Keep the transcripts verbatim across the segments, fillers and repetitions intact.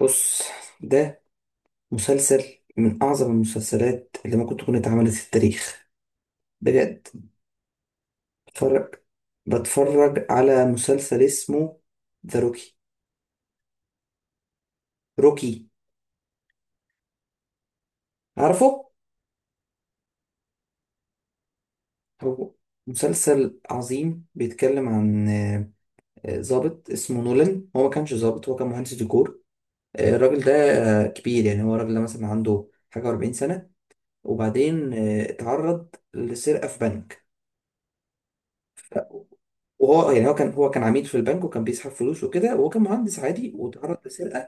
بص. ده مسلسل من أعظم المسلسلات اللي ممكن تكون اتعملت في التاريخ بجد. بتفرج بتفرج على مسلسل اسمه ذا روكي. روكي. عارفه؟ هو مسلسل عظيم بيتكلم عن آه، آه، ضابط اسمه نولان. هو ما كانش ضابط، هو كان مهندس ديكور. آه، الراجل ده آه، كبير، يعني هو الراجل ده مثلا عنده حاجة و40 سنة. وبعدين آه، اتعرض لسرقة في بنك. وهو يعني هو كان هو كان عميل في البنك وكان بيسحب فلوس وكده، وهو كان مهندس عادي وتعرض لسرقه.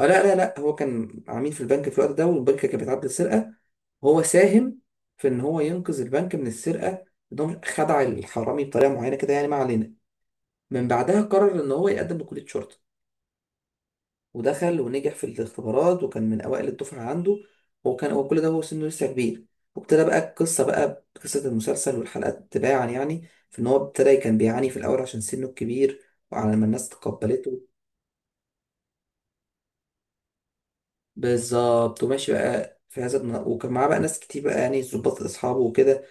آه لا لا لا، هو كان عميل في البنك في الوقت ده والبنك كان بيتعرض للسرقه. هو ساهم في ان هو ينقذ البنك من السرقه، ان هو خدع الحرامي بطريقه معينه كده، يعني ما علينا. من بعدها قرر ان هو يقدم لكليه شرطه. ودخل ونجح في الاختبارات وكان من أوائل الدفعة عنده. وكان هو كل ده وهو سنه لسه كبير. وابتدى بقى القصة بقى قصة المسلسل والحلقات تباعا، يعني في إن هو ابتدى كان بيعاني في الأول عشان سنه الكبير وعلى ما الناس تقبلته. بالظبط. وماشي بقى في هذا النا- وكان معاه بقى ناس كتير بقى، يعني ضباط أصحابه وكده.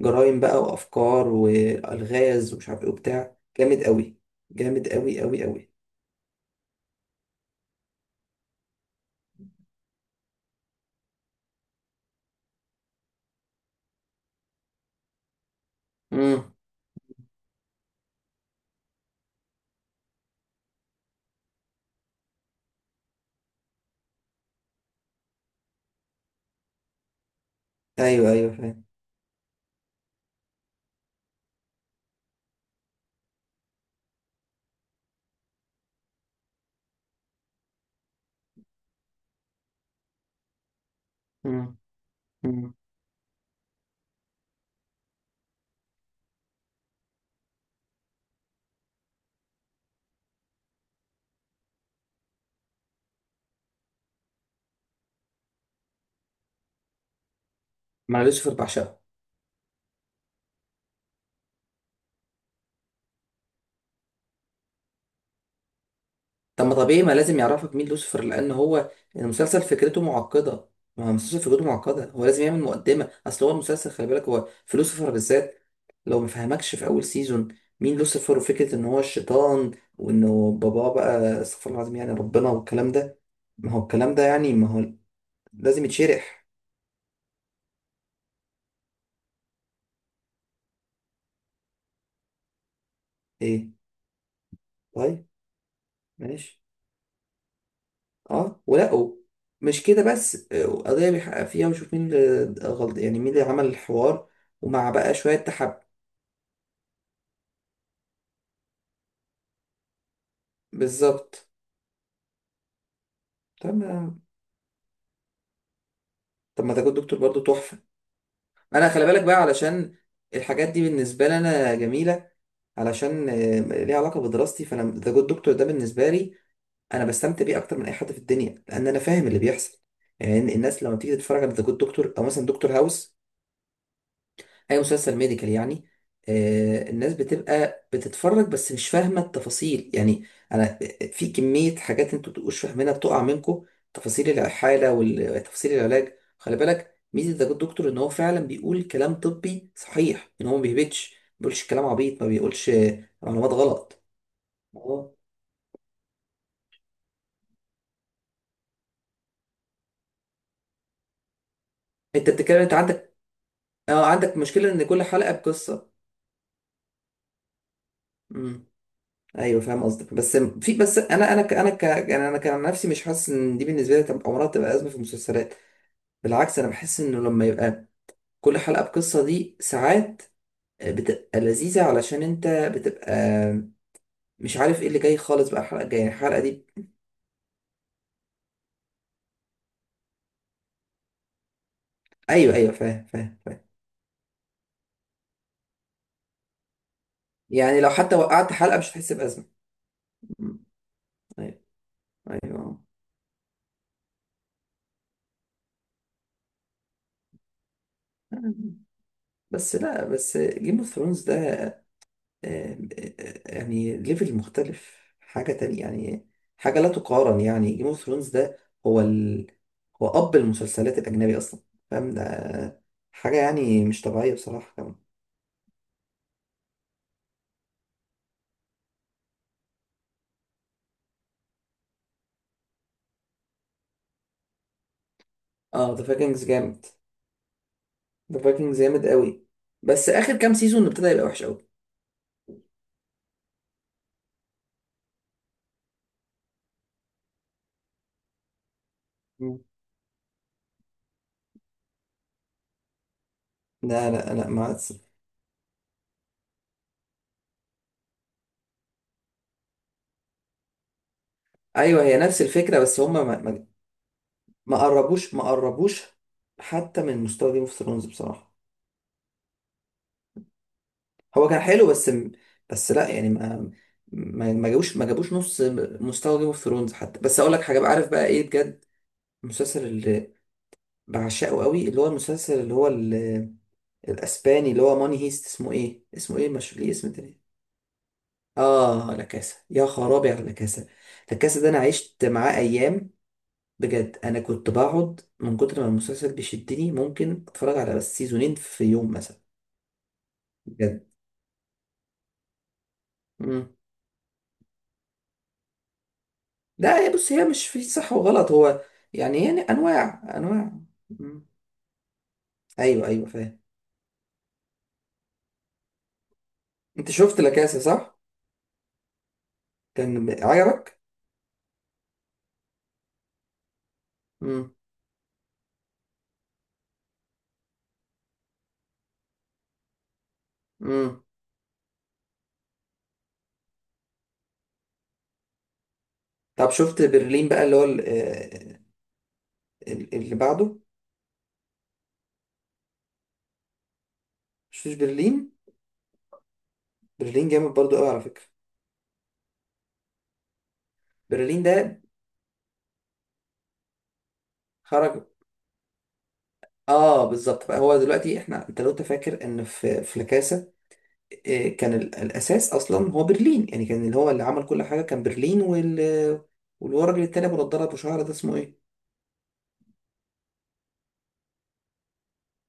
جرايم بقى وأفكار وألغاز ومش عارف إيه وبتاع، جامد أوي. جامد أوي أوي أوي. امم أيوه أيوه فاهم. امم امم مع يوسف بعشقه. طب ما طبيعي ما لازم يعرفك مين لوسيفر لان هو المسلسل فكرته معقده. ما هو المسلسل فكرته معقده، هو لازم يعمل مقدمه. اصل هو المسلسل خلي بالك، هو في لوسيفر بالذات لو ما فهمكش في اول سيزون مين لوسيفر وفكره ان هو الشيطان، وانه باباه بقى استغفر الله العظيم يعني ربنا والكلام ده. ما هو الكلام ده يعني ما هو لازم يتشرح. ايه، طيب، ماشي. اه ولقوا. مش كده بس، آه، قضيه بيحقق فيها ويشوف مين اللي غلط يعني مين اللي عمل الحوار. ومع بقى شويه تحب. بالظبط. تمام. طب ما تاخد دكتور برضو تحفة. انا خلي بالك بقى علشان الحاجات دي بالنسبة لي انا جميلة، علشان آه، ليها علاقة بدراستي. فانا تاخد دكتور ده بالنسبة لي انا بستمتع بيه اكتر من اي حد في الدنيا لان انا فاهم اللي بيحصل. يعني الناس لما بتيجي تتفرج على ذا جود دكتور او مثلا دكتور هاوس، اي مسلسل ميديكال يعني، آه، الناس بتبقى بتتفرج بس مش فاهمه التفاصيل، يعني انا في كميه حاجات انتوا بتبقوش فاهمينها بتقع منكم. تفاصيل الحاله وتفاصيل العلاج. خلي بالك ميزه ده الدكتور ان هو فعلا بيقول كلام طبي صحيح، ان هو ما بيهبطش. ما بيقولش كلام عبيط، ما بيقولش آه، معلومات غلط. اه، انت بتتكلم، انت عندك. اه عندك مشكله ان كل حلقه بقصه. ايوه فاهم قصدك، بس في بس انا انا ك انا ك يعني انا كان نفسي مش حاسس ان دي بالنسبه لي تبقى عمرها تبقى ازمه في المسلسلات. بالعكس، انا بحس انه لما يبقى كل حلقه بقصه دي ساعات بتبقى لذيذه علشان انت بتبقى مش عارف ايه اللي جاي خالص بقى الحلقه الجايه يعني الحلقه دي. ايوه ايوه فاهم فاهم فاهم. يعني لو حتى وقعت حلقه مش هتحس بازمه. أمم، ايوه ايوه. بس لا بس جيم اوف ثرونز ده آه، آه، آه، يعني ليفل مختلف، حاجة تانية يعني. حاجة لا تقارن، يعني جيم اوف ثرونز ده هو ال... هو أب المسلسلات الأجنبي أصلا، فاهم ده. حاجة يعني مش طبيعية بصراحة كمان. اه، ذا فايكنجز جامد. ذا فايكنجز جامد قوي. بس آخر كام سيزون ابتدى يبقى وحش قوي. مم. لا لا لا ما عادش- أيوه، هي نفس الفكرة بس هما ما, ما... ما قربوش ما قربوش حتى من مستوى جيم اوف ثرونز بصراحة. هو كان حلو بس، بس لا يعني ما ما ما جابوش ما جابوش نص مستوى جيم اوف ثرونز حتى. بس اقول لك حاجه بقى، عارف بقى ايه بجد؟ المسلسل اللي بعشقه قوي، اللي هو المسلسل اللي هو ال- الاسباني، اللي هو ماني هيست. اسمه ايه؟ اسمه ايه؟ مش ليه اسم تاني؟ اه لا كاسا. يا خرابي على لا كاسا. لا كاسا ده انا عشت معاه ايام بجد. انا كنت بقعد من كتر ما المسلسل بيشدني ممكن اتفرج على بس سيزونين في يوم مثلا. بجد. لا، هي بص هي مش في صح وغلط. هو يعني يعني انواع انواع. مم. ايوه ايوه فاهم. انت شفت لاكاسا صح، كان ب- عجبك. امم. امم. طب شفت برلين بقى، اللي هو ال- آه، ال- اللي بعده. شفتش برلين؟ برلين جامد برضو قوي على فكره. برلين ده خرج. اه بالظبط بقى. هو دلوقتي احنا، انت لو انت فاكر ان في في لاكاسا، آه، كان ال- الاساس اصلا هو برلين. يعني كان اللي هو اللي عمل كل حاجه كان برلين وال، والورجل التاني ابو نضاره ابو شعر ده اسمه ايه؟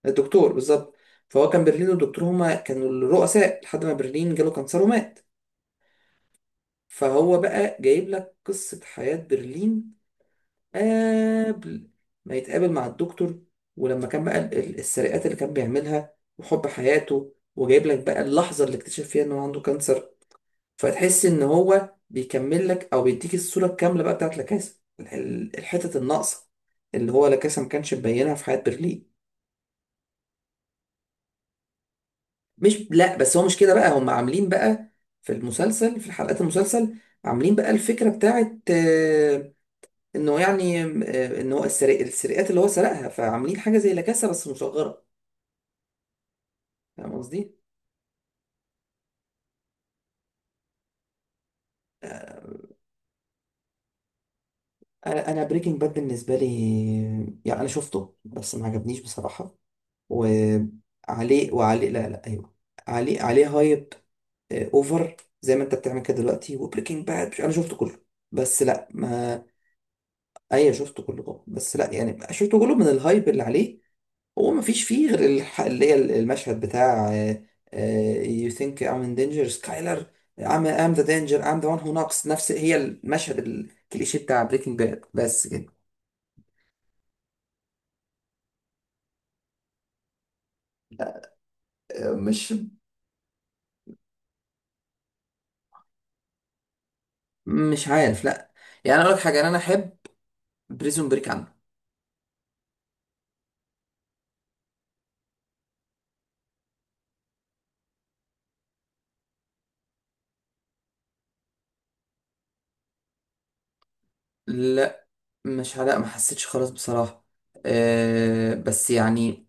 الدكتور بالظبط. فهو كان برلين والدكتور هما كانوا الرؤساء، لحد ما برلين جاله كانسر ومات. فهو بقى جايب لك قصة حياة برلين قبل ما يتقابل مع الدكتور، ولما كان بقى ال- ال- السرقات اللي كان بيعملها وحب حياته، وجايب لك بقى اللحظة اللي اكتشف فيها انه عنده كانسر. فتحس ان هو بيكمل لك او بيديك الصورة الكاملة بقى بتاعت لاكاسا، ال- ال- الحتت الناقصة اللي هو لاكاسا ما كانش مبينها في حياة برلين. مش لا بس هو مش كده بقى. هم عاملين بقى في المسلسل في حلقات المسلسل، عاملين بقى الفكرة بتاعت آه، انه يعني آه، ان هو السرق السرقات اللي هو سرقها، فعاملين حاجة زي لاكاسا بس مصغرة. فاهم قصدي؟ آه، انا انا بريكنج باد بالنسبه لي يعني انا شفته بس ما عجبنيش بصراحه. وعليه وعليه لا لا ايوه. عليه عليه هايب، آه، اوفر. زي ما انت بتعمل كده دلوقتي. وبريكنج باد انا شفته كله بس لا ما. ايوه، شفته كله طبعا، بس لا يعني شفته كله من الهايب اللي عليه. هو ما فيش فيه غير الح- اللي هي المشهد بتاع آه، آه، you think I'm in danger, Skyler. I'm I'm the danger. I'm the one who knocks. نفس هي المشهد الكليشيه بتاع بريكنج باد بس كده. آه، مش مش عارف لا. يعني اقول لك حاجه، انا أنا احب بريزون بريك عنه. لا مش. لا ما حسيتش خلاص بصراحه. أه بس يعني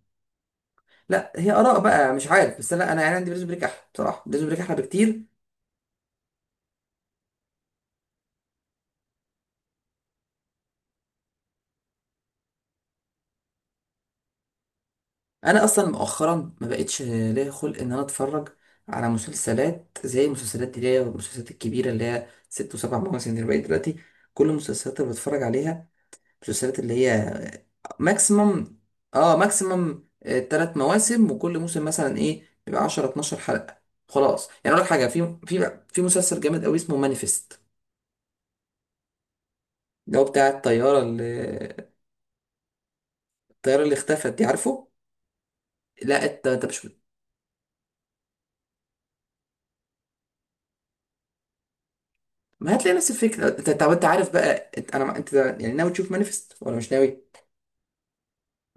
لا، هي اراء بقى مش عارف. بس لا انا يعني عندي بريزون بريك احلى بصراحه. بريزون بريك احلى بكتير. انا اصلا مؤخرا ما بقتش ليا خلق ان انا اتفرج على مسلسلات زي المسلسلات دي اللي هي المسلسلات الكبيره اللي هي ست وسبع مواسم اللي بقت دلوقتي. كل المسلسلات اللي بتفرج عليها مسلسلات اللي هي ماكسيمم. اه ماكسيمم تلات مواسم وكل موسم مثلا ايه بيبقى عشر 12 حلقه. خلاص يعني اقول لك حاجه، في في في مسلسل جامد قوي اسمه مانيفست. ده هو بتاع الطياره اللي، الطياره اللي اختفت دي عارفه. لا انت انت مش، ما هتلاقي نفس الفكره انت. طب انت عارف بقى؟ انت انا ما- انت يعني ناوي تشوف مانيفست ولا مش ناوي؟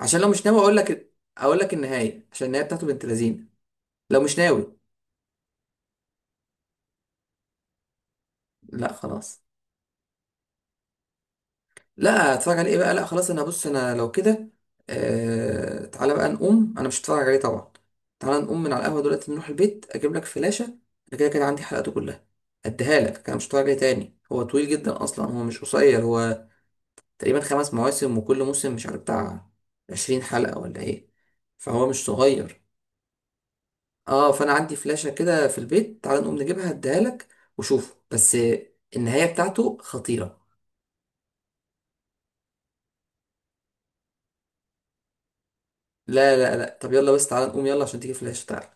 عشان لو مش ناوي اقول لك اقول لك النهايه، عشان النهايه بتاعته بنت لذينه. لو مش ناوي. لا خلاص. لا هتفرج عليه بقى. لا خلاص انا بص، انا لو كده آه... تعالى بقى نقوم، انا مش هتفرج عليه طبعا. تعالى نقوم من على القهوه دلوقتي، نروح البيت اجيب لك فلاشه، انا كده كده عندي حلقاته كلها. اديها لك، انا مش هتفرج عليه تاني. هو طويل جدا اصلا، هو مش قصير. هو تقريبا خمس مواسم وكل موسم مش عارف بتاع عشرين حلقة ولا ايه. فهو مش صغير. اه فانا عندي فلاشة كده في البيت، تعال نقوم نجيبها اديها لك، وشوفه بس. النهاية بتاعته خطيرة. لا لا لا. طب يلا بس، تعال نقوم يلا عشان تيجي فلاشة. تعال.